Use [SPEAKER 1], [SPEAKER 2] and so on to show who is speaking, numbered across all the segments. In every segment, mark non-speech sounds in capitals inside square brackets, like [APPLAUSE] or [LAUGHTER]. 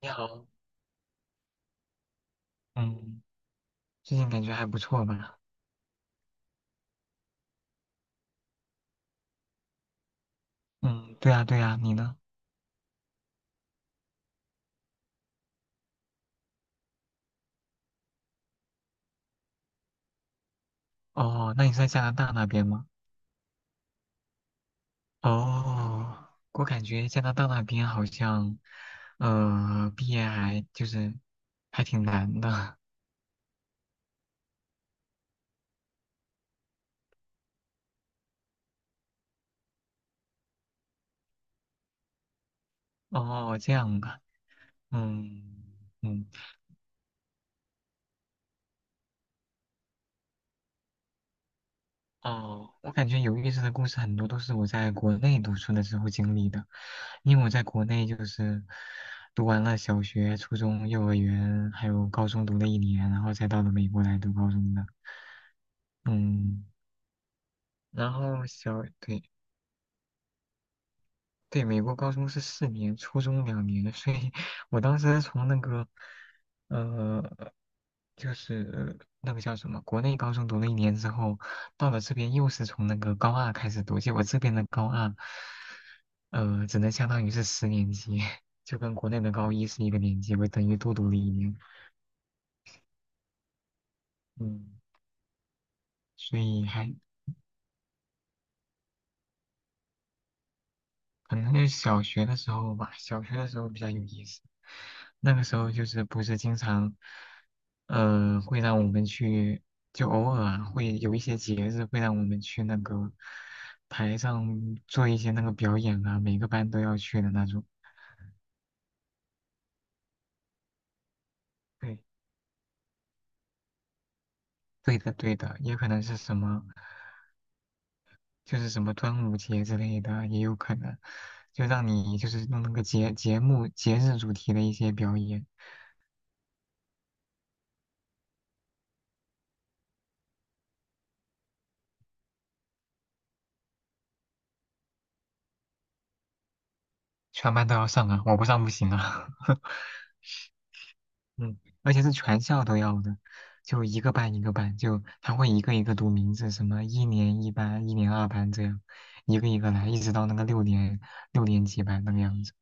[SPEAKER 1] 你好，嗯，最近感觉还不错吧？嗯，对呀，对呀，你呢？哦，那你是在加拿大那边吗？哦，我感觉加拿大那边好像，毕业还就是还挺难的。[LAUGHS] 哦，这样吧。嗯嗯。哦，我感觉有意思的故事很多都是我在国内读书的时候经历的，因为我在国内就是读完了小学、初中、幼儿园，还有高中读了一年，然后才到了美国来读高中的。嗯，然后小，对对，美国高中是4年，初中2年，所以我当时从那个，呃，就是那个叫什么，国内高中读了一年之后，到了这边又是从那个高二开始读，结果这边的高二。只能相当于是10年级，[LAUGHS] 就跟国内的高一是一个年级，我等于多读了一年。嗯，所以还可能是小学的时候吧，小学的时候比较有意思。那个时候就是不是经常，会让我们去，就偶尔啊会有一些节日会让我们去那个台上做一些那个表演啊，每个班都要去的那种。对，对的，对的，也可能是什么。就是什么端午节之类的也有可能，就让你就是弄那个节日主题的一些表演，全班都要上啊，我不上不行啊。[LAUGHS] 嗯，而且是全校都要的，就一个班一个班，就他会一个一个读名字，什么一年一班、一年二班这样，一个一个来，一直到那个六年级班那个样子。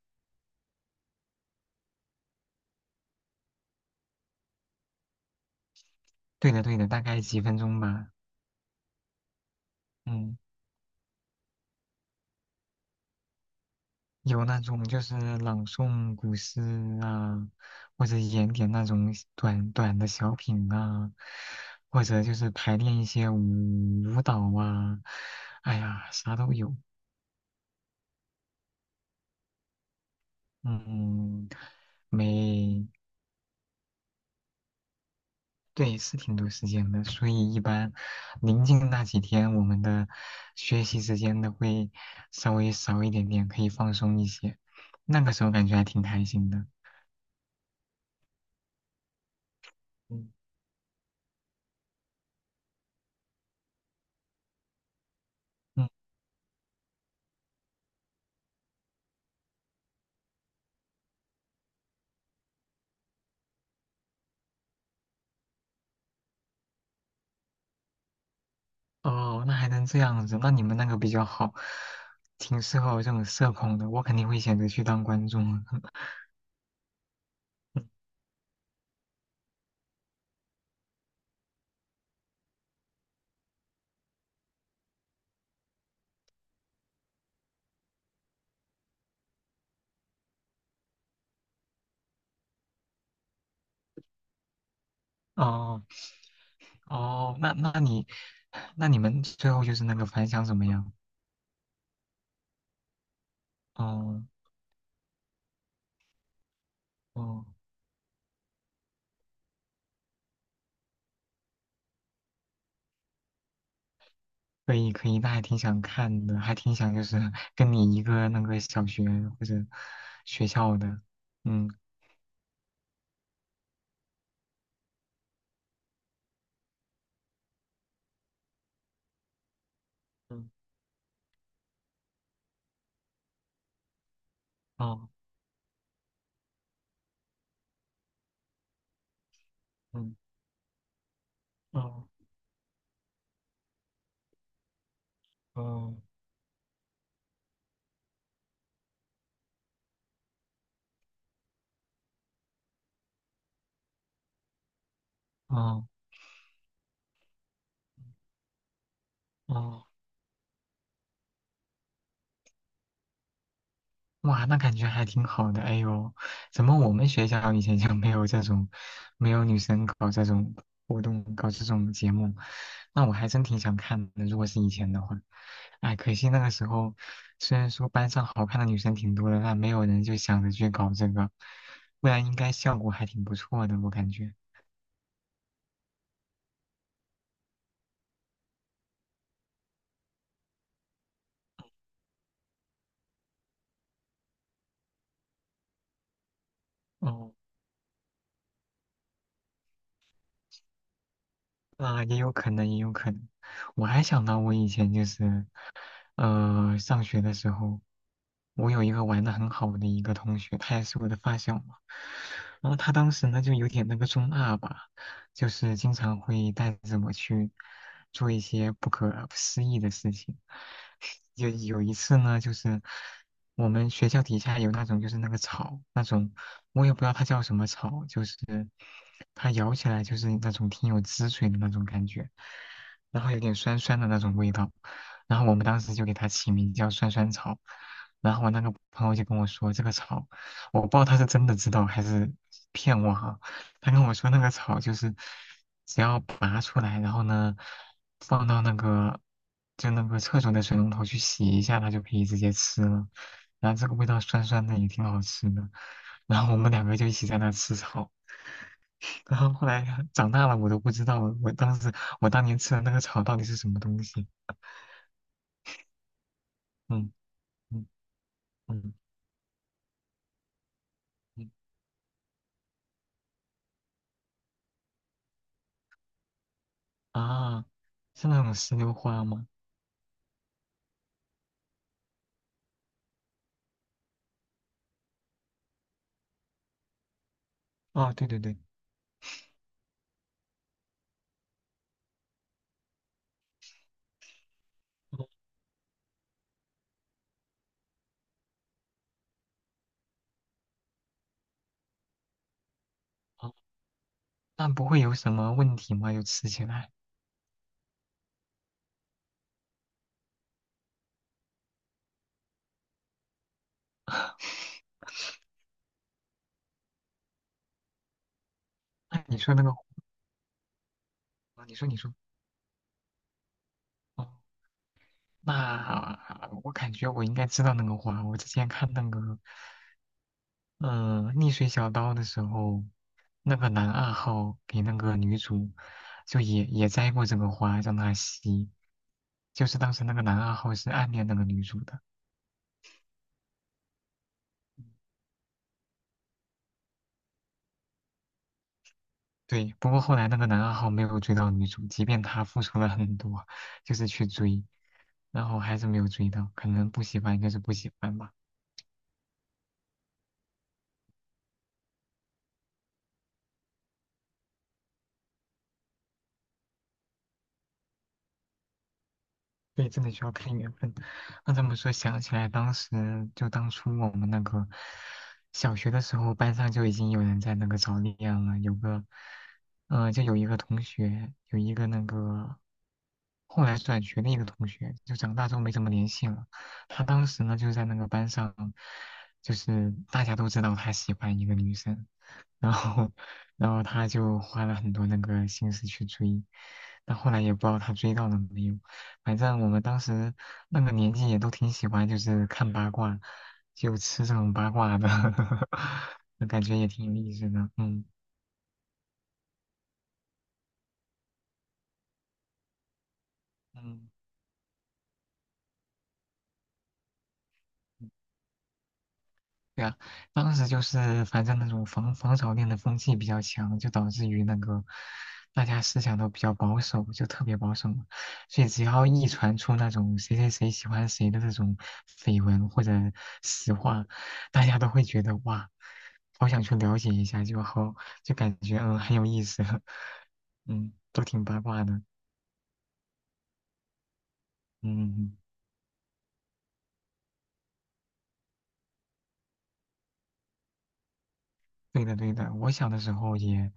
[SPEAKER 1] 对的对的，大概几分钟吧。嗯。有那种就是朗诵古诗啊，或者演点那种短短的小品啊，或者就是排练一些舞蹈啊，哎呀，啥都有。嗯，没，对，是挺多时间的，所以一般临近那几天，我们的学习时间都会稍微少一点点，可以放松一些。那个时候感觉还挺开心的。嗯嗯。哦，那还能这样子，那你们那个比较好，挺适合我这种社恐的，我肯定会选择去当观众啊。[LAUGHS] 哦哦，那你们最后就是那个反响怎么样？哦哦，可以可以，那还挺想看的，还挺想就是 [LAUGHS] 跟你一个那个小学或者学校的。嗯嗯。哦。嗯。哦哦哦哦。哇，那感觉还挺好的。哎呦，怎么我们学校以前就没有这种，没有女生搞这种活动，搞这种节目？那我还真挺想看的，如果是以前的话。哎，可惜那个时候，虽然说班上好看的女生挺多的，但没有人就想着去搞这个，不然应该效果还挺不错的，我感觉。哦，那也有可能，也有可能。我还想到我以前就是。上学的时候，我有一个玩的很好的一个同学，他也是我的发小嘛。然后他当时呢就有点那个中二吧，就是经常会带着我去做一些不可思议的事情。[LAUGHS] 有一次呢，就是我们学校底下有那种就是那个草，那种我也不知道它叫什么草，就是它咬起来就是那种挺有汁水的那种感觉，然后有点酸酸的那种味道。然后我们当时就给它起名叫酸酸草。然后我那个朋友就跟我说，这个草，我不知道他是真的知道还是骗我哈、他跟我说那个草就是，只要拔出来，然后呢，放到那个就那个厕所的水龙头去洗一下，它就可以直接吃了。然后这个味道酸酸的，也挺好吃的。然后我们两个就一起在那吃草。然后后来长大了，我都不知道我当年吃的那个草到底是什么东西。嗯嗯嗯嗯。啊，是那种石榴花吗？啊，对对对。哦，那不会有什么问题吗？就吃起来？那你说那个花，啊你说你说。哦，那我感觉我应该知道那个花。我之前看那个，逆水小刀的时候，那个男二号给那个女主，就也摘过这个花，让她吸。就是当时那个男二号是暗恋那个女主的。对。不过后来那个男二号没有追到女主，即便他付出了很多，就是去追。然后还是没有追到，可能不喜欢应该是不喜欢吧。对，真的需要看缘分。那这么说，想起来当时就当初我们那个小学的时候，班上就已经有人在那个早恋了，有个，就有一个同学，有一个那个后来转学的一个同学，就长大之后没怎么联系了。他当时呢，就在那个班上，就是大家都知道他喜欢一个女生。然后，然后他就花了很多那个心思去追，但后来也不知道他追到了没有。反正我们当时那个年纪也都挺喜欢，就是看八卦，就吃这种八卦的。[LAUGHS] 感觉也挺有意思的。嗯嗯。对啊，当时就是反正那种防潮恋的风气比较强，就导致于那个大家思想都比较保守，就特别保守嘛。所以只要一传出那种谁谁谁喜欢谁的这种绯闻或者实话，大家都会觉得哇，好想去了解一下，就感觉很有意思。[LAUGHS] 嗯，都挺八卦的。嗯。嗯嗯。对的，对的，我小的时候也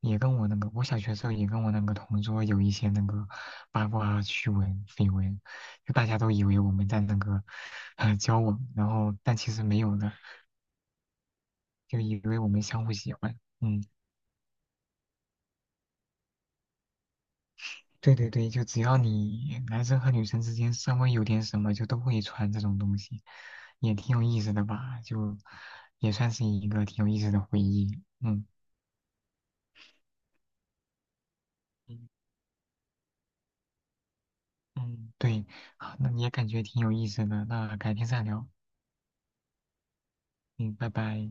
[SPEAKER 1] 也跟我那个，我小学时候也跟我那个同桌有一些那个八卦趣闻、绯闻，就大家都以为我们在那个交往，然后但其实没有的，就以为我们相互喜欢。嗯，对对对，就只要你男生和女生之间稍微有点什么，就都会传这种东西，也挺有意思的吧？就也算是一个挺有意思的回忆。嗯嗯，对，好，那你也感觉挺有意思的，那改天再聊，嗯，拜拜。